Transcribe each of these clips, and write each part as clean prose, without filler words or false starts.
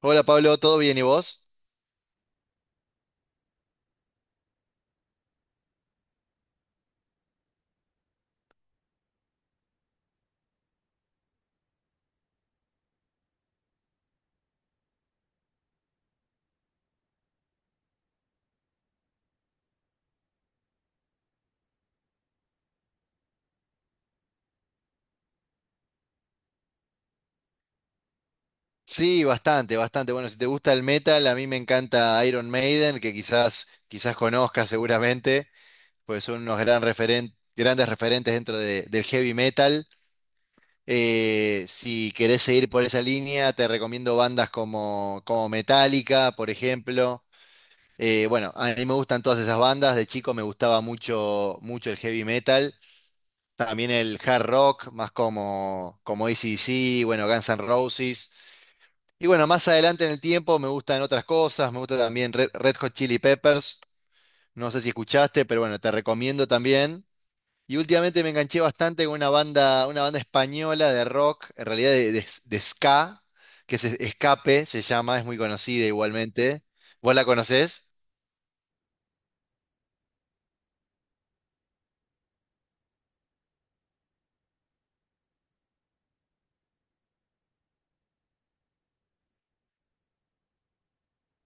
Hola Pablo, ¿todo bien y vos? Sí, bastante, bastante. Bueno, si te gusta el metal, a mí me encanta Iron Maiden, que quizás conozcas seguramente, pues son unos grandes referentes dentro del heavy metal. Si querés seguir por esa línea, te recomiendo bandas como Metallica, por ejemplo. Bueno, a mí me gustan todas esas bandas. De chico me gustaba mucho el heavy metal. También el hard rock, más como, como ac bueno, Guns N' Roses. Y bueno, más adelante en el tiempo me gustan otras cosas, me gusta también Red Hot Chili Peppers, no sé si escuchaste, pero bueno, te recomiendo también. Y últimamente me enganché bastante con una banda española de rock, en realidad de ska, que es Escape, se llama, es muy conocida igualmente. ¿Vos la conocés?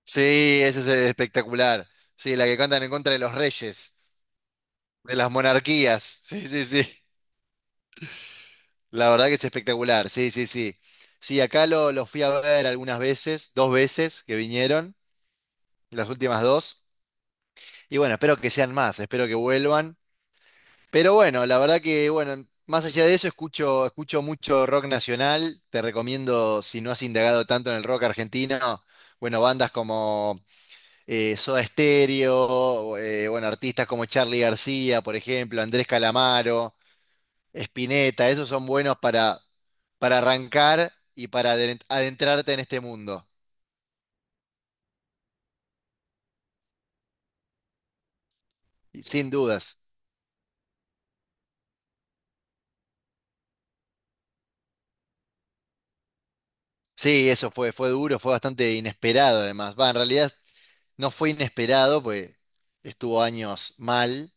Sí, esa es espectacular. Sí, la que cantan en contra de los reyes, de las monarquías. Sí, sí, sí. La verdad que es espectacular, sí, sí, sí. Sí, acá lo fui a ver algunas veces, dos veces que vinieron, las últimas dos. Y bueno, espero que sean más, espero que vuelvan. Pero bueno, la verdad que, bueno, más allá de eso, escucho mucho rock nacional. Te recomiendo, si no has indagado tanto en el rock argentino, bueno, bandas como Soda Stereo, bueno, artistas como Charly García, por ejemplo, Andrés Calamaro, Spinetta, esos son buenos para arrancar y para adentrarte en este mundo, y sin dudas. Sí, eso fue, fue duro, fue bastante inesperado además. Va, en realidad no fue inesperado, pues estuvo años mal,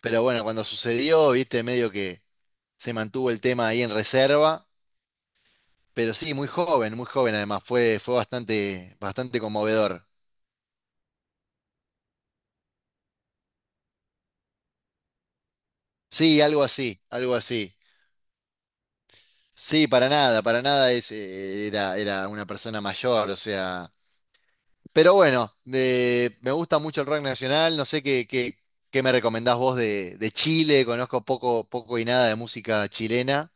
pero bueno, cuando sucedió, viste, medio que se mantuvo el tema ahí en reserva, pero sí, muy joven además, fue, fue bastante, bastante conmovedor. Sí, algo así, algo así. Sí, para nada es, era, era una persona mayor, o sea... Pero bueno, me gusta mucho el rock nacional. No sé qué me recomendás vos de Chile. Conozco poco, poco y nada de música chilena.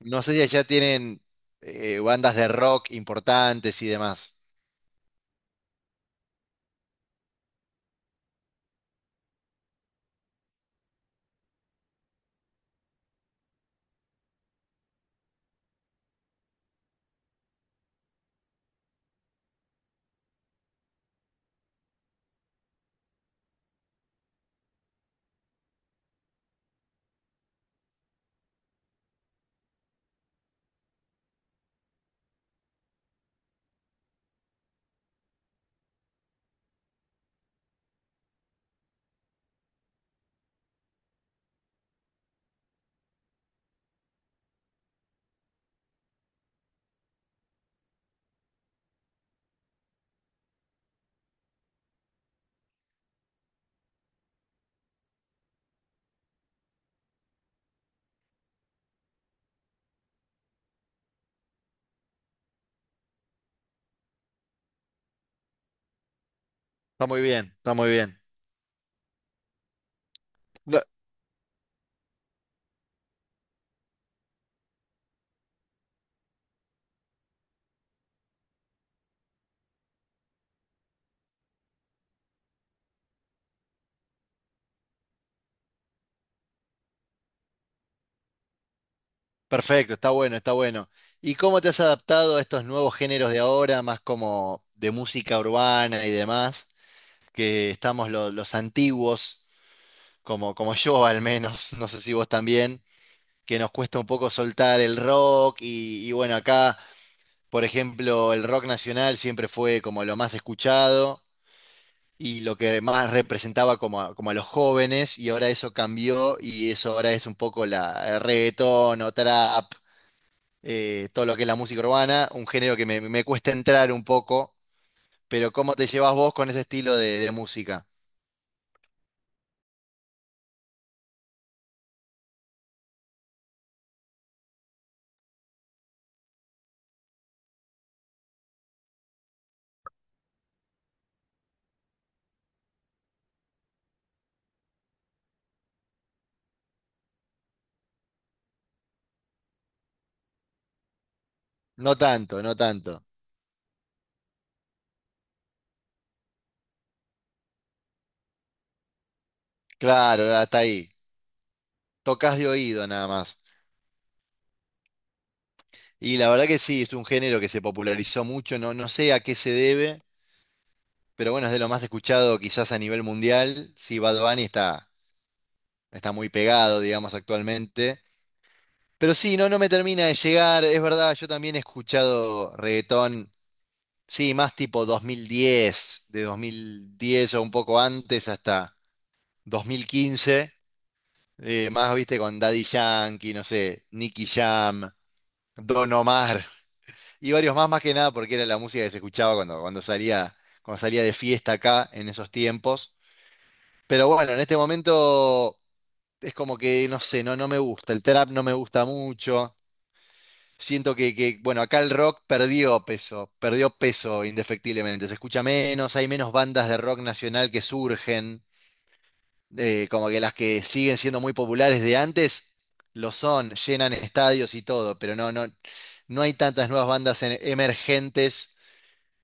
No sé si allá tienen bandas de rock importantes y demás. Está muy bien, está muy bien. No, perfecto, está bueno, está bueno. ¿Y cómo te has adaptado a estos nuevos géneros de ahora, más como de música urbana y demás? Que estamos los antiguos, como yo al menos, no sé si vos también que nos cuesta un poco soltar el rock y bueno, acá, por ejemplo, el rock nacional siempre fue como lo más escuchado y lo que más representaba como a, como a los jóvenes y ahora eso cambió y eso ahora es un poco el reggaetón o trap, todo lo que es la música urbana, un género que me cuesta entrar un poco, pero ¿cómo te llevas vos con ese estilo de música? No tanto, no tanto. Claro, hasta ahí. Tocas de oído nada más. Y la verdad que sí, es un género que se popularizó mucho, no, no sé a qué se debe, pero bueno, es de lo más escuchado quizás a nivel mundial. Sí, Bad Bunny está, está muy pegado, digamos, actualmente. Pero sí, no, no me termina de llegar, es verdad, yo también he escuchado reggaetón, sí, más tipo 2010, de 2010 o un poco antes hasta 2015, más, viste, con Daddy Yankee, no sé, Nicky Jam, Don Omar, y varios más, más que nada, porque era la música que se escuchaba cuando salía de fiesta acá en esos tiempos. Pero bueno, en este momento es como que, no sé, no, no me gusta. El trap no me gusta mucho. Siento que, bueno, acá el rock perdió peso indefectiblemente. Se escucha menos, hay menos bandas de rock nacional que surgen. Como que las que siguen siendo muy populares de antes lo son, llenan estadios y todo, pero no, no, no hay tantas nuevas bandas emergentes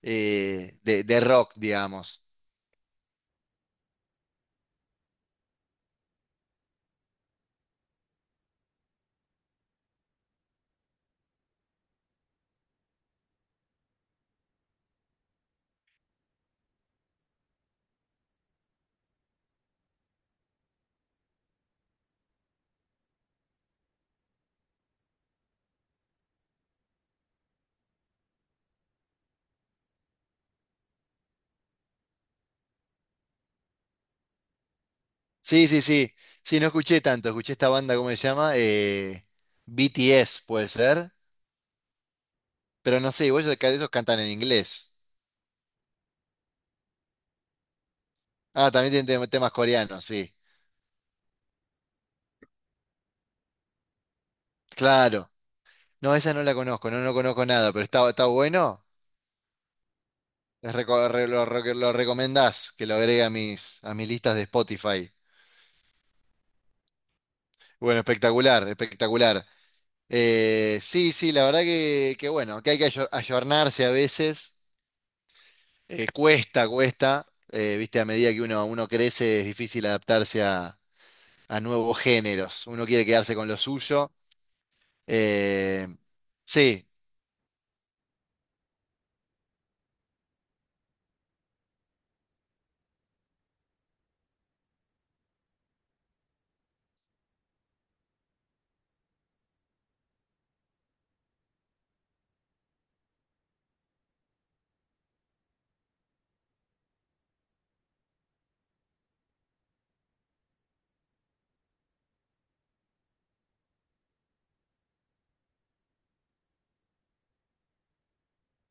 de rock, digamos. Sí, sí, sí. Sí, no escuché tanto. Escuché esta banda, ¿cómo se llama? BTS, puede ser. Pero no sé, igual ellos, ellos cantan en inglés. Ah, también tienen temas coreanos, sí. Claro. No, esa no la conozco, no, no conozco nada, pero está, está bueno. Les reco- re- lo recomendás que lo agregue a a mis listas de Spotify. Bueno, espectacular, espectacular. Sí, sí, la verdad que bueno, que hay que ayornarse a veces. Cuesta, cuesta. Viste, a medida que uno crece es difícil adaptarse a nuevos géneros. Uno quiere quedarse con lo suyo. Eh, sí.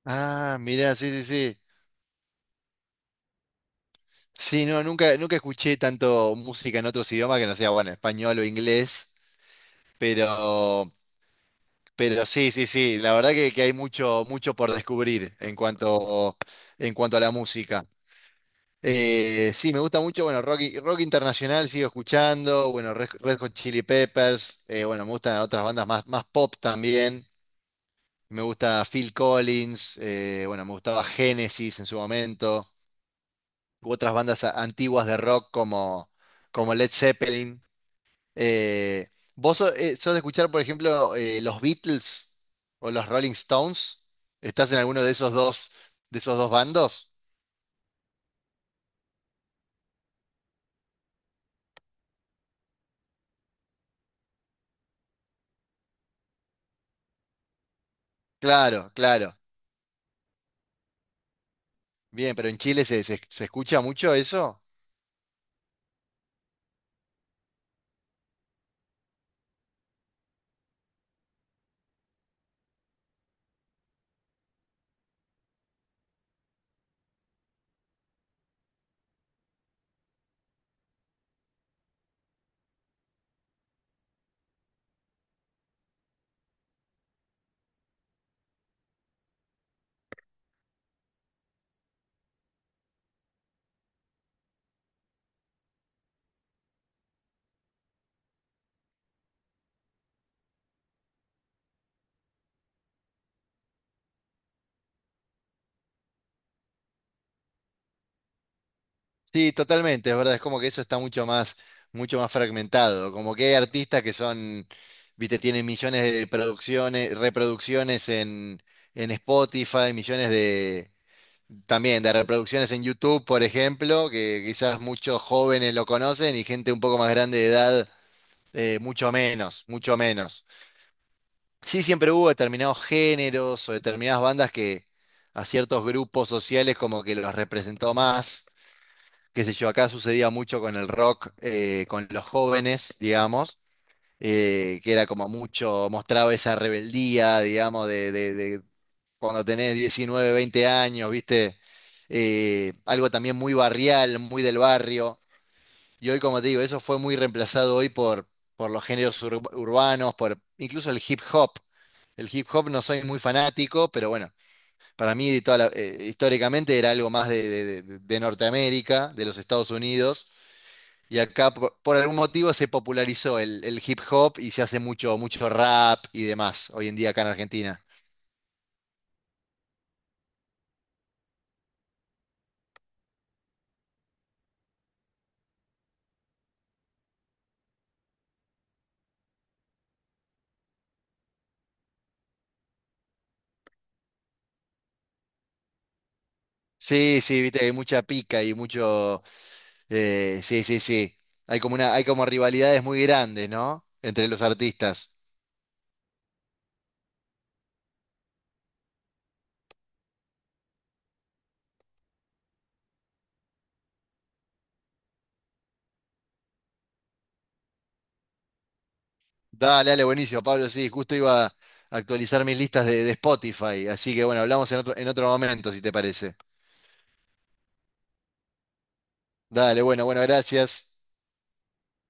Ah, mirá, sí, sí, sí. Sí, no, nunca, nunca escuché tanto música en otros idiomas que no sea, bueno, español o inglés. Pero, pero sí, sí, sí. La verdad que hay mucho, mucho por descubrir en cuanto a la música. Sí, me gusta mucho, bueno, rock, rock internacional sigo escuchando, bueno, Red Hot Chili Peppers, bueno, me gustan otras bandas más, más pop también, me gusta Phil Collins, bueno, me gustaba Genesis en su momento, u otras bandas antiguas de rock como, como Led Zeppelin. Eh, ¿Vos sos, sos de escuchar, por ejemplo, los Beatles o los Rolling Stones? ¿Estás en alguno de esos dos bandos? Claro, claro. Bien, pero en Chile se escucha mucho eso. Sí, totalmente, es verdad, es como que eso está mucho más fragmentado. Como que hay artistas que son, viste, tienen millones de producciones, reproducciones en Spotify, millones de también de reproducciones en YouTube, por ejemplo, que quizás muchos jóvenes lo conocen y gente un poco más grande de edad, mucho menos, mucho menos. Sí, siempre hubo determinados géneros o determinadas bandas que a ciertos grupos sociales como que los representó más. Qué sé yo, acá sucedía mucho con el rock, con los jóvenes, digamos, que era como mucho, mostraba esa rebeldía, digamos, de cuando tenés 19, 20 años, ¿viste? Algo también muy barrial, muy del barrio. Y hoy, como te digo, eso fue muy reemplazado hoy por los géneros urbanos, por incluso el hip hop. El hip hop no soy muy fanático, pero bueno, para mí históricamente era algo más de Norteamérica, de los Estados Unidos, y acá por algún motivo se popularizó el hip hop y se hace mucho, mucho rap y demás hoy en día acá en Argentina. Sí, sí, viste, hay mucha pica y mucho... sí, sí, sí. Hay como una, hay como rivalidades muy grandes, ¿no? Entre los artistas. Dale, dale, buenísimo, Pablo. Sí, justo iba a actualizar mis listas de Spotify. Así que bueno, hablamos en otro momento, si te parece. Dale, bueno, bueno, gracias.